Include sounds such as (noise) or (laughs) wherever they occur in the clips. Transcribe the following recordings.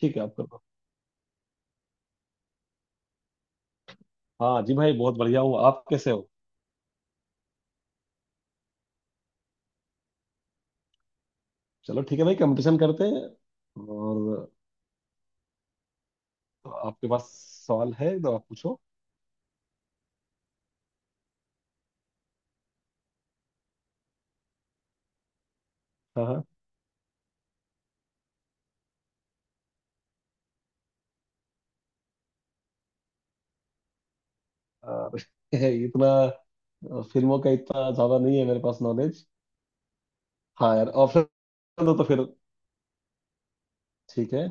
ठीक है आप कर दो। हाँ जी भाई, बहुत बढ़िया हूँ, आप कैसे हो? चलो ठीक है भाई, कंपटीशन करते हैं। और। तो आपके पास सवाल है तो आप पूछो। हाँ, हाँ। और (laughs) इतना फिल्मों का इतना ज्यादा नहीं है मेरे पास नॉलेज। हाँ यार, ऑप्शन दो तो फिर ठीक है।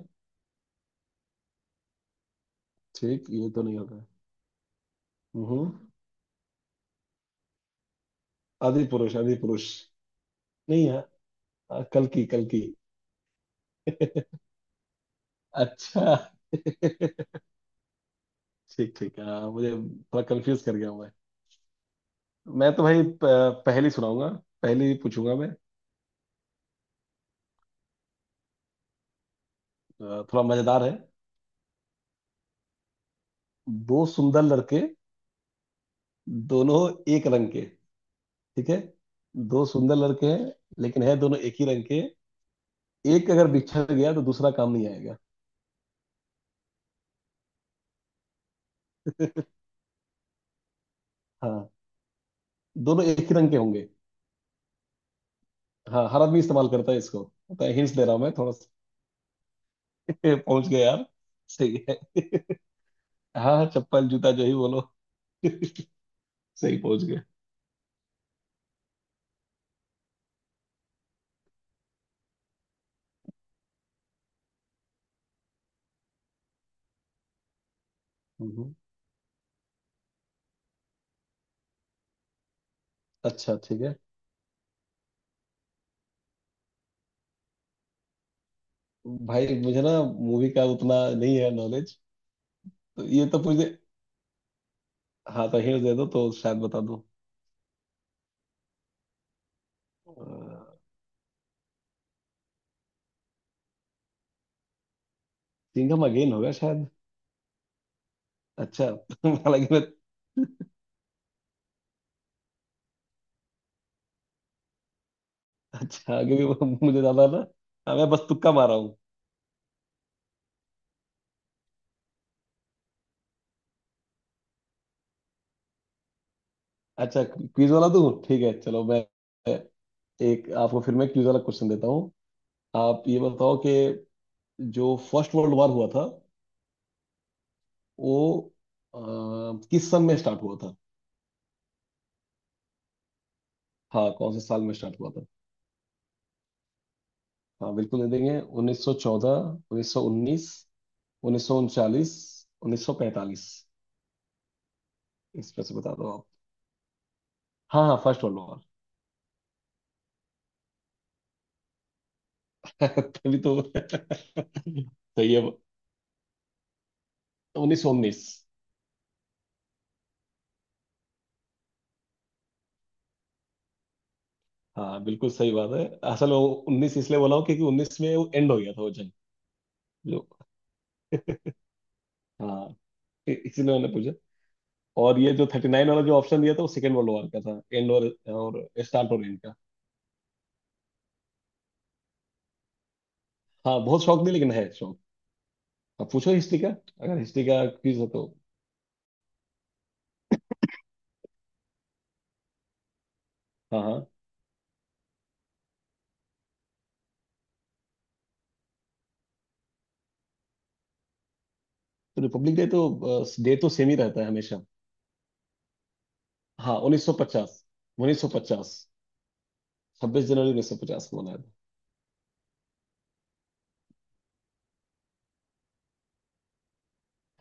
ठीक, ये तो नहीं होगा। हम्म। आदि पुरुष, आदि पुरुष नहीं है। कल की, कल की। अच्छा। (laughs) ठीक, ठीक, हाँ मुझे थोड़ा कंफ्यूज कर गया हूँ मैं। मैं तो भाई पहली सुनाऊंगा, पहली पूछूंगा मैं। अ, थोड़ा मजेदार है। दो सुंदर लड़के, दोनों एक रंग के, ठीक है। दो सुंदर लड़के हैं, लेकिन है दोनों एक ही रंग के। एक अगर बिछड़ गया तो दूसरा काम नहीं आएगा। हाँ, दोनों एक ही रंग के होंगे। हाँ, हर आदमी इस्तेमाल करता है इसको। मैं हिंट्स दे रहा हूँ, मैं थोड़ा सा। (laughs) पहुंच गया यार, सही है। (laughs) हाँ हाँ, चप्पल जूता जो ही बोलो। सही पहुंच गए। हम्म, हम्म। अच्छा ठीक है, भाई मुझे ना मूवी का उतना नहीं है नॉलेज। तो ये तो मुझे, हाँ तो हिंट दे दो तो शायद बता दो। सिंघम अगेन होगा शायद। अच्छा। (laughs) हालांकि मैं, अच्छा आगे भी मुझे ज्यादा ना। हाँ, मैं बस तुक्का मार रहा हूँ। अच्छा, क्विज वाला तू ठीक है, चलो मैं एक आपको फिर मैं क्विज वाला क्वेश्चन देता हूँ। आप ये बताओ कि जो फर्स्ट वर्ल्ड वॉर हुआ था, वो अ, किस सन में स्टार्ट हुआ था। हाँ, कौन से साल में स्टार्ट हुआ था। हाँ बिल्कुल दे देंगे, 1914, 1919, 1939, 1945। इस पर से बता दो आप। हाँ हाँ, फर्स्ट वर्ल्ड वॉर। (laughs) तभी तो। (laughs) तो ये 1919। हाँ बिल्कुल सही बात है। असल वो उन्नीस इसलिए बोला हूँ क्योंकि उन्नीस में वो एंड हो गया था वो जंग। जो, हाँ इसीलिए मैंने पूछा। और ये जो 39 वाला जो ऑप्शन दिया था वो सेकेंड वर्ल्ड वॉर का था, एंड और स्टार्ट और एंड का। हाँ बहुत शौक नहीं, लेकिन है शौक। अब पूछो हिस्ट्री का, अगर हिस्ट्री का क्विज हो तो। हाँ, हाँ। तो रिपब्लिक डे तो, डे तो सेम ही रहता है हमेशा। हाँ, 1950, 1950। 26 जनवरी 1950 को मनाया था।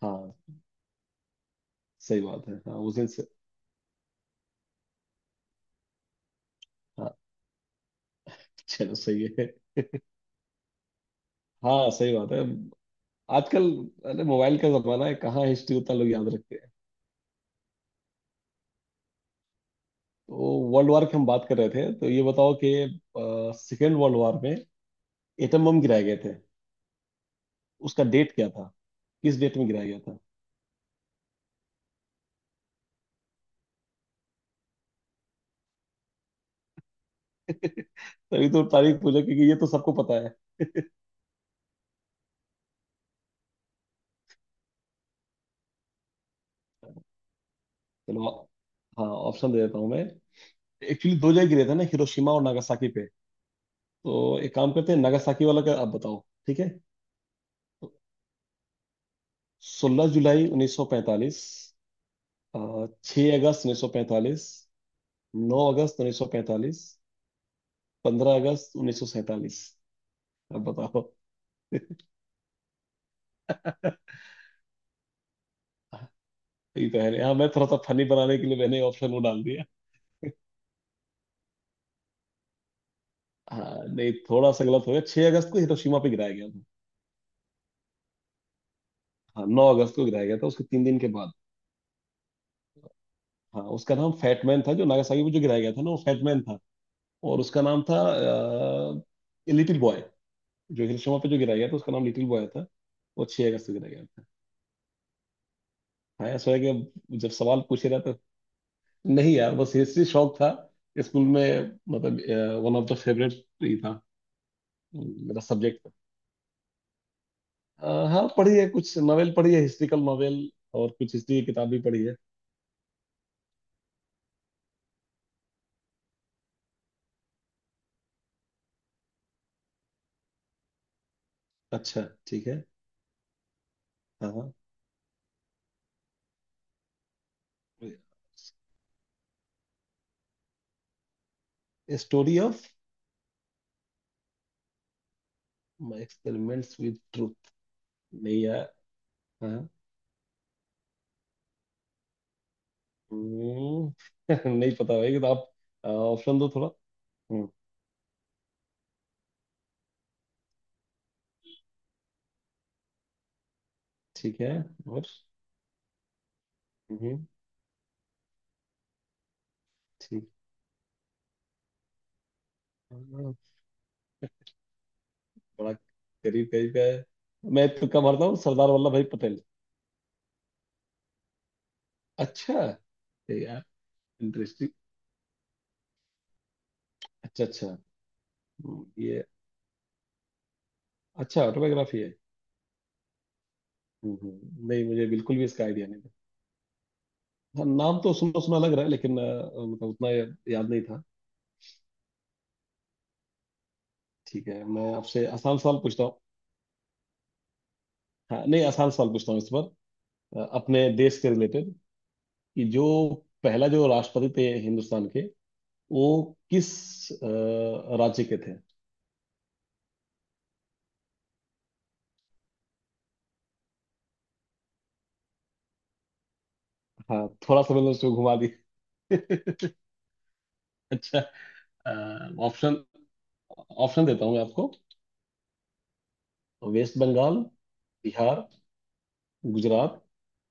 हाँ सही बात है, हाँ उस दिन से। हाँ, चलो सही है। हाँ सही बात है आजकल। अरे मोबाइल का जमाना है, कहाँ हिस्ट्री उतना लोग याद रखते हैं। तो वर्ल्ड वॉर की हम बात कर रहे थे तो ये बताओ कि सेकेंड वर्ल्ड वॉर में एटम बम गिराए गए थे। उसका डेट क्या था, किस डेट में गिराया गया था। तभी तो तारीख पूछा, क्योंकि ये तो सबको पता है। चलो। हाँ ऑप्शन दे देता हूँ मैं। एक्चुअली दो जगह गिरे थे ना, हिरोशिमा और नागासाकी पे। तो एक काम करते हैं, नागासाकी वाला का आप बताओ। ठीक है। 16 जुलाई 1945, 6 अगस्त 1945, 9 अगस्त 1945, 15 अगस्त 1947। अब बताओ। ये तो है नहीं, हाँ मैं थोड़ा सा फनी बनाने के लिए मैंने ऑप्शन वो डाल दिया। हाँ नहीं थोड़ा सा गलत हो गया, 6 अगस्त को हिरोशिमा पे गिराया गया था। हाँ, 9 अगस्त को गिराया गया था उसके 3 दिन के बाद। हाँ उसका नाम फैटमैन था, जो नागासाकी में जो गिराया गया था ना, वो फैटमैन था। और उसका नाम था लिटिल बॉय, जो हिरोशिमा पे जो गिराया गया था उसका नाम लिटिल बॉय था। वो छह अगस्त को गिराया गया था। हाँ ऐसा है कि जब सवाल पूछे रहा था। नहीं यार, बस हिस्ट्री शौक था स्कूल में मतलब। वन ऑफ द फेवरेट ही था। मेरा सब्जेक्ट था। हाँ पढ़ी है, कुछ नॉवेल पढ़ी है हिस्ट्रिकल नॉवेल, और कुछ हिस्ट्री की किताब भी पढ़ी है। अच्छा ठीक है। हाँ हाँ। Story of my experiments with truth. नहीं यार। हाँ। हम्म। (laughs) नहीं पता भाई किताब। ऑप्शन दो थोड़ा। हम्म। ठीक है। और। हम्म। ठीक। हाँ, बड़ा करीब करीब का है। मैं तुक्का मारता हूँ सरदार वल्लभ भाई पटेल। अच्छा। ये यार, इंटरेस्टिंग। अच्छा अच्छा। ये अच्छा ऑटोबायोग्राफी है। नहीं मुझे बिल्कुल भी इसका आइडिया नहीं था। हाँ, नाम तो सुना सुना लग रहा है लेकिन मतलब उतना याद नहीं था। ठीक है मैं आपसे आसान सवाल पूछता हूँ। हाँ नहीं आसान सवाल पूछता हूँ इस बार। अपने देश के रिलेटेड कि जो पहला जो राष्ट्रपति थे हिंदुस्तान के, वो किस राज्य के थे। हाँ थोड़ा सा मैंने उसको घुमा दिया। (laughs) अच्छा ऑप्शन, ऑप्शन देता हूँ मैं आपको। तो वेस्ट बंगाल, बिहार, गुजरात,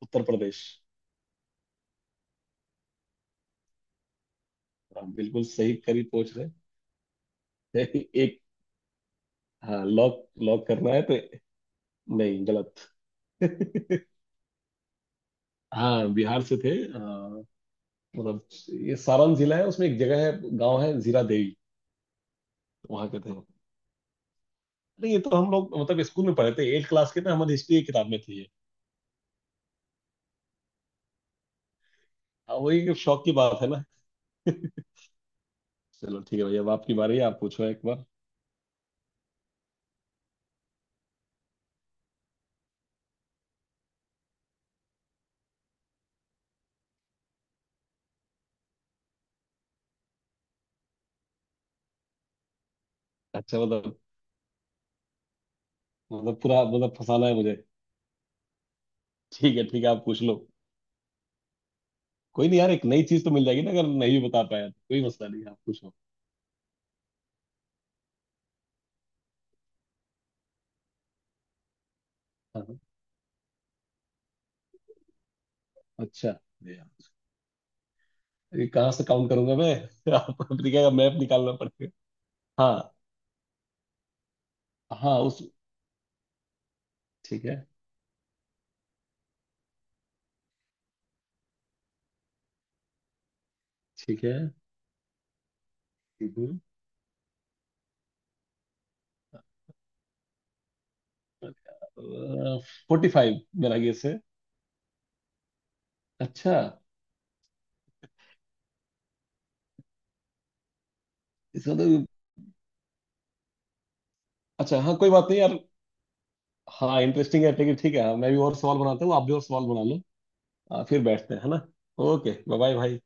उत्तर प्रदेश। आप बिल्कुल सही करीब पहुंच रहे हैं। (laughs) एक। हाँ लॉक, लॉक करना है तो। नहीं गलत। (laughs) हाँ बिहार से थे। मतलब ये सारण जिला है, उसमें एक जगह है, गांव है जीरा देवी, वहां के थे। नहीं ये तो हम लोग मतलब स्कूल में पढ़े थे एट क्लास के ना, हमारी हिस्ट्री की किताब में थी ये। हाँ, वही एक शौक की बात है ना। चलो ठीक है भैया, अब आपकी बारी है, आप पूछो एक बार। अच्छा मतलब, मतलब पूरा मतलब फंसाना है मुझे। ठीक है ठीक है, आप पूछ लो। कोई नहीं यार, एक नई चीज तो मिल जाएगी ना, अगर नहीं भी बता पाया तो कोई मसला नहीं है, आप पूछो। हाँ, हाँ। अच्छा अरे यार, ये कहाँ से काउंट करूंगा मैं। (laughs) आप अफ्रीका का मैप निकालना पड़ेगा। हाँ, हाँ उस ठीक है ठीक है। 45 मेरा गेस है। अच्छा। इसका तो, अच्छा हाँ कोई बात नहीं यार। हाँ इंटरेस्टिंग है लेकिन ठीक है। हाँ मैं भी और सवाल बनाता हूँ, आप भी और सवाल बना लो। आ, फिर बैठते हैं है ना। ओके बाय बाय भाई।